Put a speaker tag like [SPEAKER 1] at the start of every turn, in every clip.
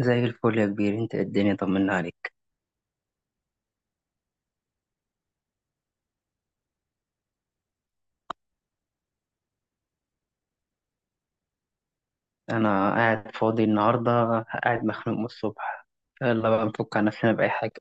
[SPEAKER 1] زي الفل يا كبير، انت ايه الدنيا؟ طمنا عليك. انا قاعد فاضي النهارده. قاعد مخنوق من الصبح. يلا بقى نفك عن نفسنا بأي حاجة.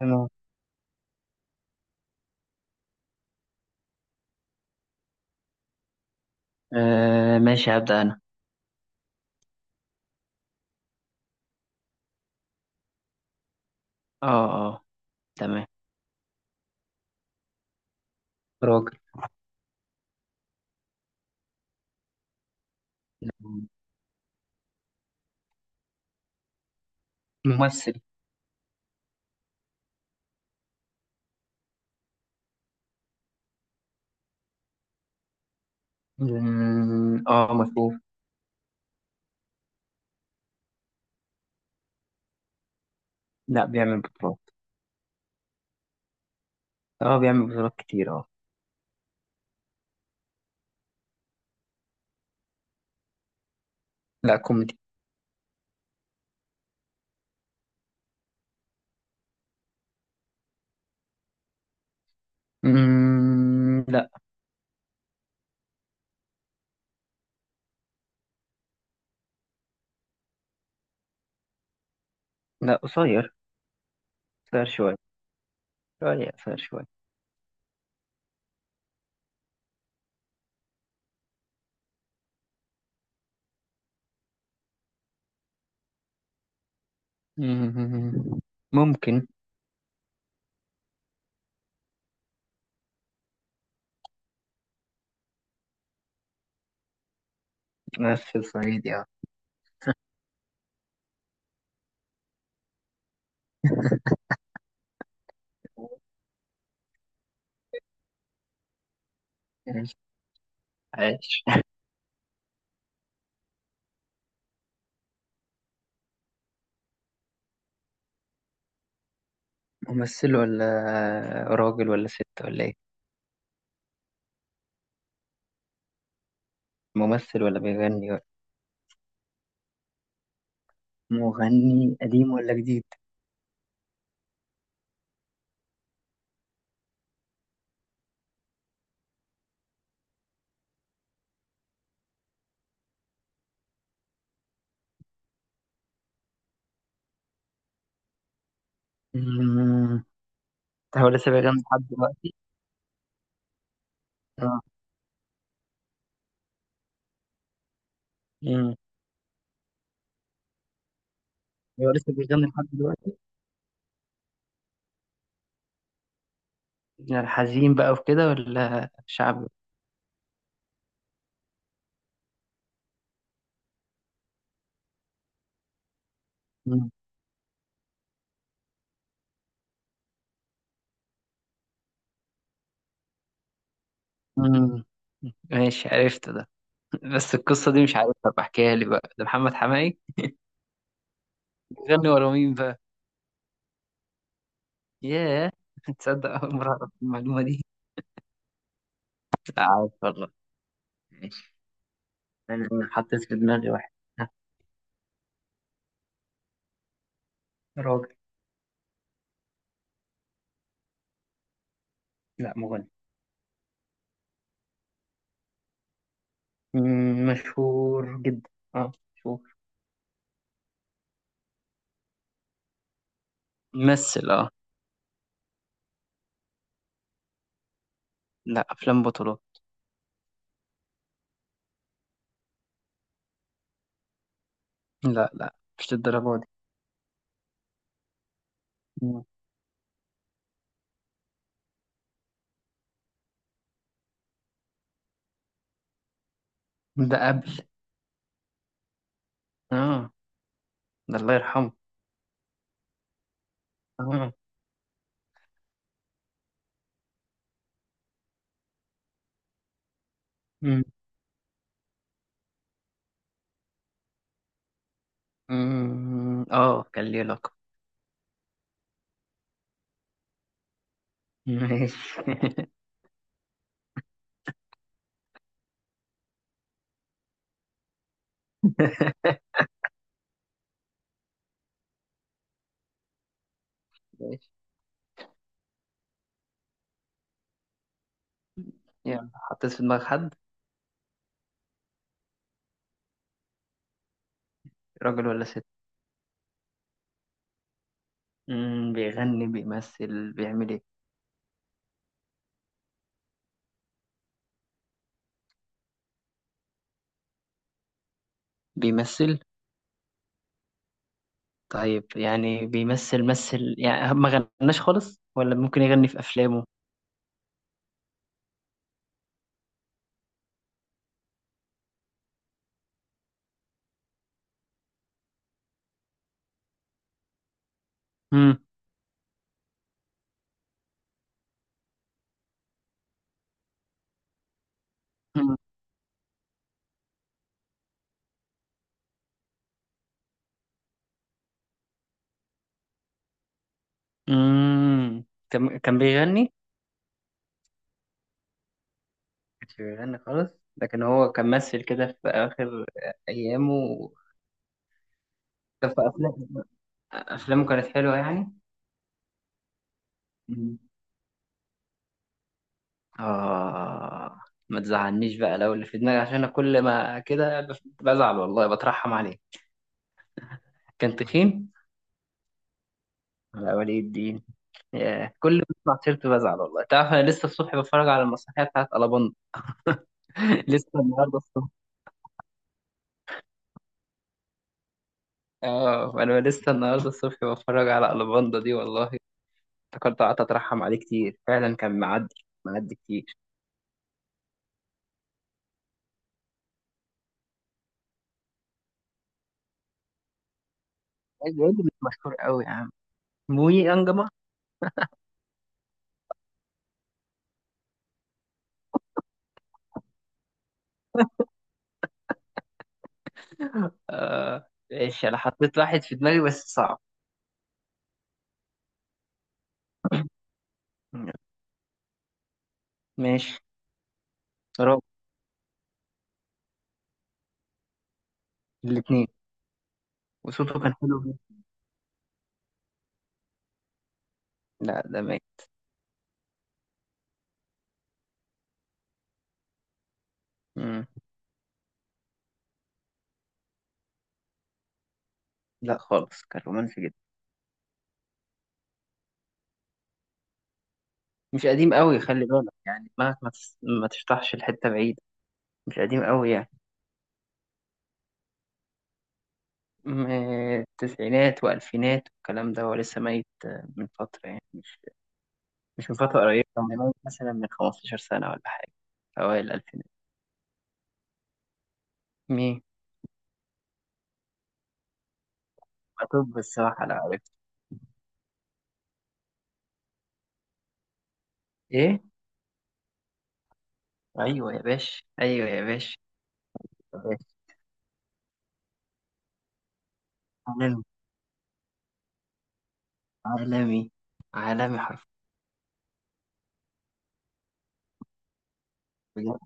[SPEAKER 1] تمام. آه، ماشي، هبدأ انا. اه، اه، تمام. راجل. ممثل. مم، اه، مشهور. لا، بيعمل بطولات. اه، بيعمل بطولات كتير، اه. لا، كوميدي. مم، لا. لا، قصير. قصير شوية. شوية قصير شوية. مم، ممكن. ممثل صعيدي، اه. عايش. ممثل ولا راجل ولا ست ولا ايه؟ ممثل ولا بيغني ولا؟ مغني قديم ولا جديد؟ مم. هو لسه بيغني لحد دلوقتي؟ اه. مم. هو لسه بيغني لحد دلوقتي؟ يعني الحزين بقى وكده ولا شعبي؟ مم. مم. ماشي، عرفت ده. بس القصة دي مش عارفها، بحكيها لي بقى، ده محمد حماقي. بيغني ورا مين بقى؟ ياه. تصدق؟ أول مرة أعرف المعلومة دي. عارف والله. ماشي. أنا حطيت في دماغي واحد. ها. راجل. لا، مغني. مشهور جدا. اه، مشهور. ممثل، اه. لا، افلام بطولات. لا، لا، مش للدرجه دي. مم. ده قبل. اه. ده الله يرحمه. اه. مم. مم. اه، كان ليه لقب. ماشي. ماشي. يلا، حطيت في دماغ حد؟ راجل ولا ست؟ مم. بيغني بيمثل بيعمل ايه؟ بيمثل. طيب يعني بيمثل، مثل يعني، ما غناش خالص ولا ممكن يغني في افلامه؟ مم. مم. مم. كان بيغني. كانش بيغني خالص. لكن هو كان ممثل كده في آخر أيامه. كان في أفلام. أفلامه كانت حلوة يعني. مم. آه ما تزعلنيش بقى لو اللي في دماغي، عشان أنا كل ما كده بزعل والله بترحم عليه. كان تخين. على ولي الدين. ياه، كل ما بسمع سيرته بزعل والله. تعرف أنا لسه الصبح بتفرج على المسرحية بتاعت ألاباندا. لسه النهاردة الصبح. أنا لسه النهاردة الصبح بتفرج على ألاباندا دي والله. افتكرت، قعدت أترحم عليه كتير، فعلا كان معدي. معدي كتير. الواد مش مشهور قوي يا عم. موي انجما. ماشي، انا حطيت واحد في دماغي بس صعب. ماشي. راجل. الاثنين. وصوته كان حلو جدا. لا، ده ماشي. مم. لا خالص، كان رومانسي جدا. مش قديم قوي، خلي بالك يعني دماغك ما تشطحش لحته بعيده. مش قديم قوي يعني. تسعينات والفينات والكلام ده، هو لسه ميت من فتره يعني، مش مش من فتره قريبه، كان ميت مثلا من 15 سنه ولا حاجه. اوائل الالفينات. مين؟ طب الصراحه، لا عرفت. ايه؟ ايوه يا باشا، ايوه يا باشا. يا باشا. عالمي. عالمي. عالمي حرف. بجد.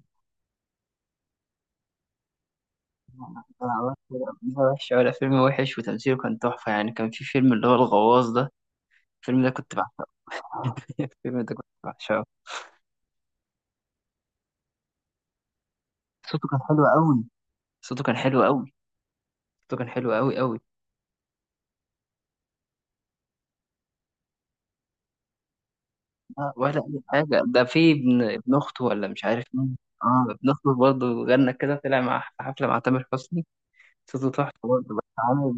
[SPEAKER 1] أنا عملت كده، قبليها وحش ولا فيلم وحش، وتمثيله كان تحفه يعني. كان في فيلم اللي هو الغواص ده. الفيلم ده كنت بعشقه. الفيلم ده كنت بعشقه. صوته كان حلو قوي. صوته كان حلو قوي. صوته كان حلو قوي قوي. لا ولا اي حاجه، ده في ابن اخته ولا مش عارف مين. اه، ابن اخته برضه غنى كده، طلع مع في حفله مع تامر حسني. صوته تحفة برضه، بس عامل.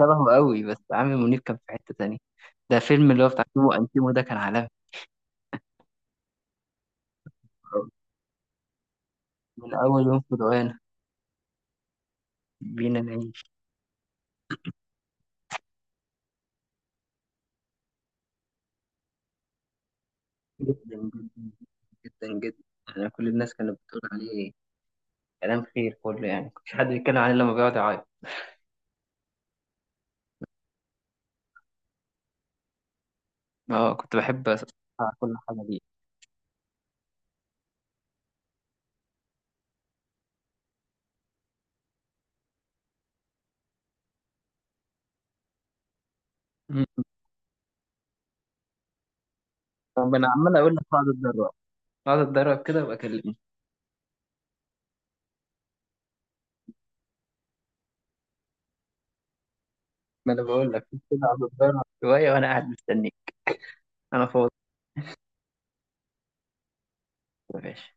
[SPEAKER 1] شبهه قوي، بس عامل منيب كان في حتة تانية. ده فيلم اللي هو بتاع تيمو وأنتيمو ده، كان عالمي. من أول يوم في دعانا. بينا نعيش. جدا جدا. جدا جدا. أنا كل الناس كانت بتقول عليه. كلام خير كله، يعني مكنتش حد بيتكلم عليه لما بيقعد يعيط. اه، كنت بحب أسمع. كل حاجة ليه. مم. طب أنا عمال أقول لك اقعد اتدرب. اقعد اتدرب كده وأكلمك. ما أنا بقول لك كده، اقعد اتدرب شوية وأنا قاعد مستنيك. أنا فاضي. يا باشا.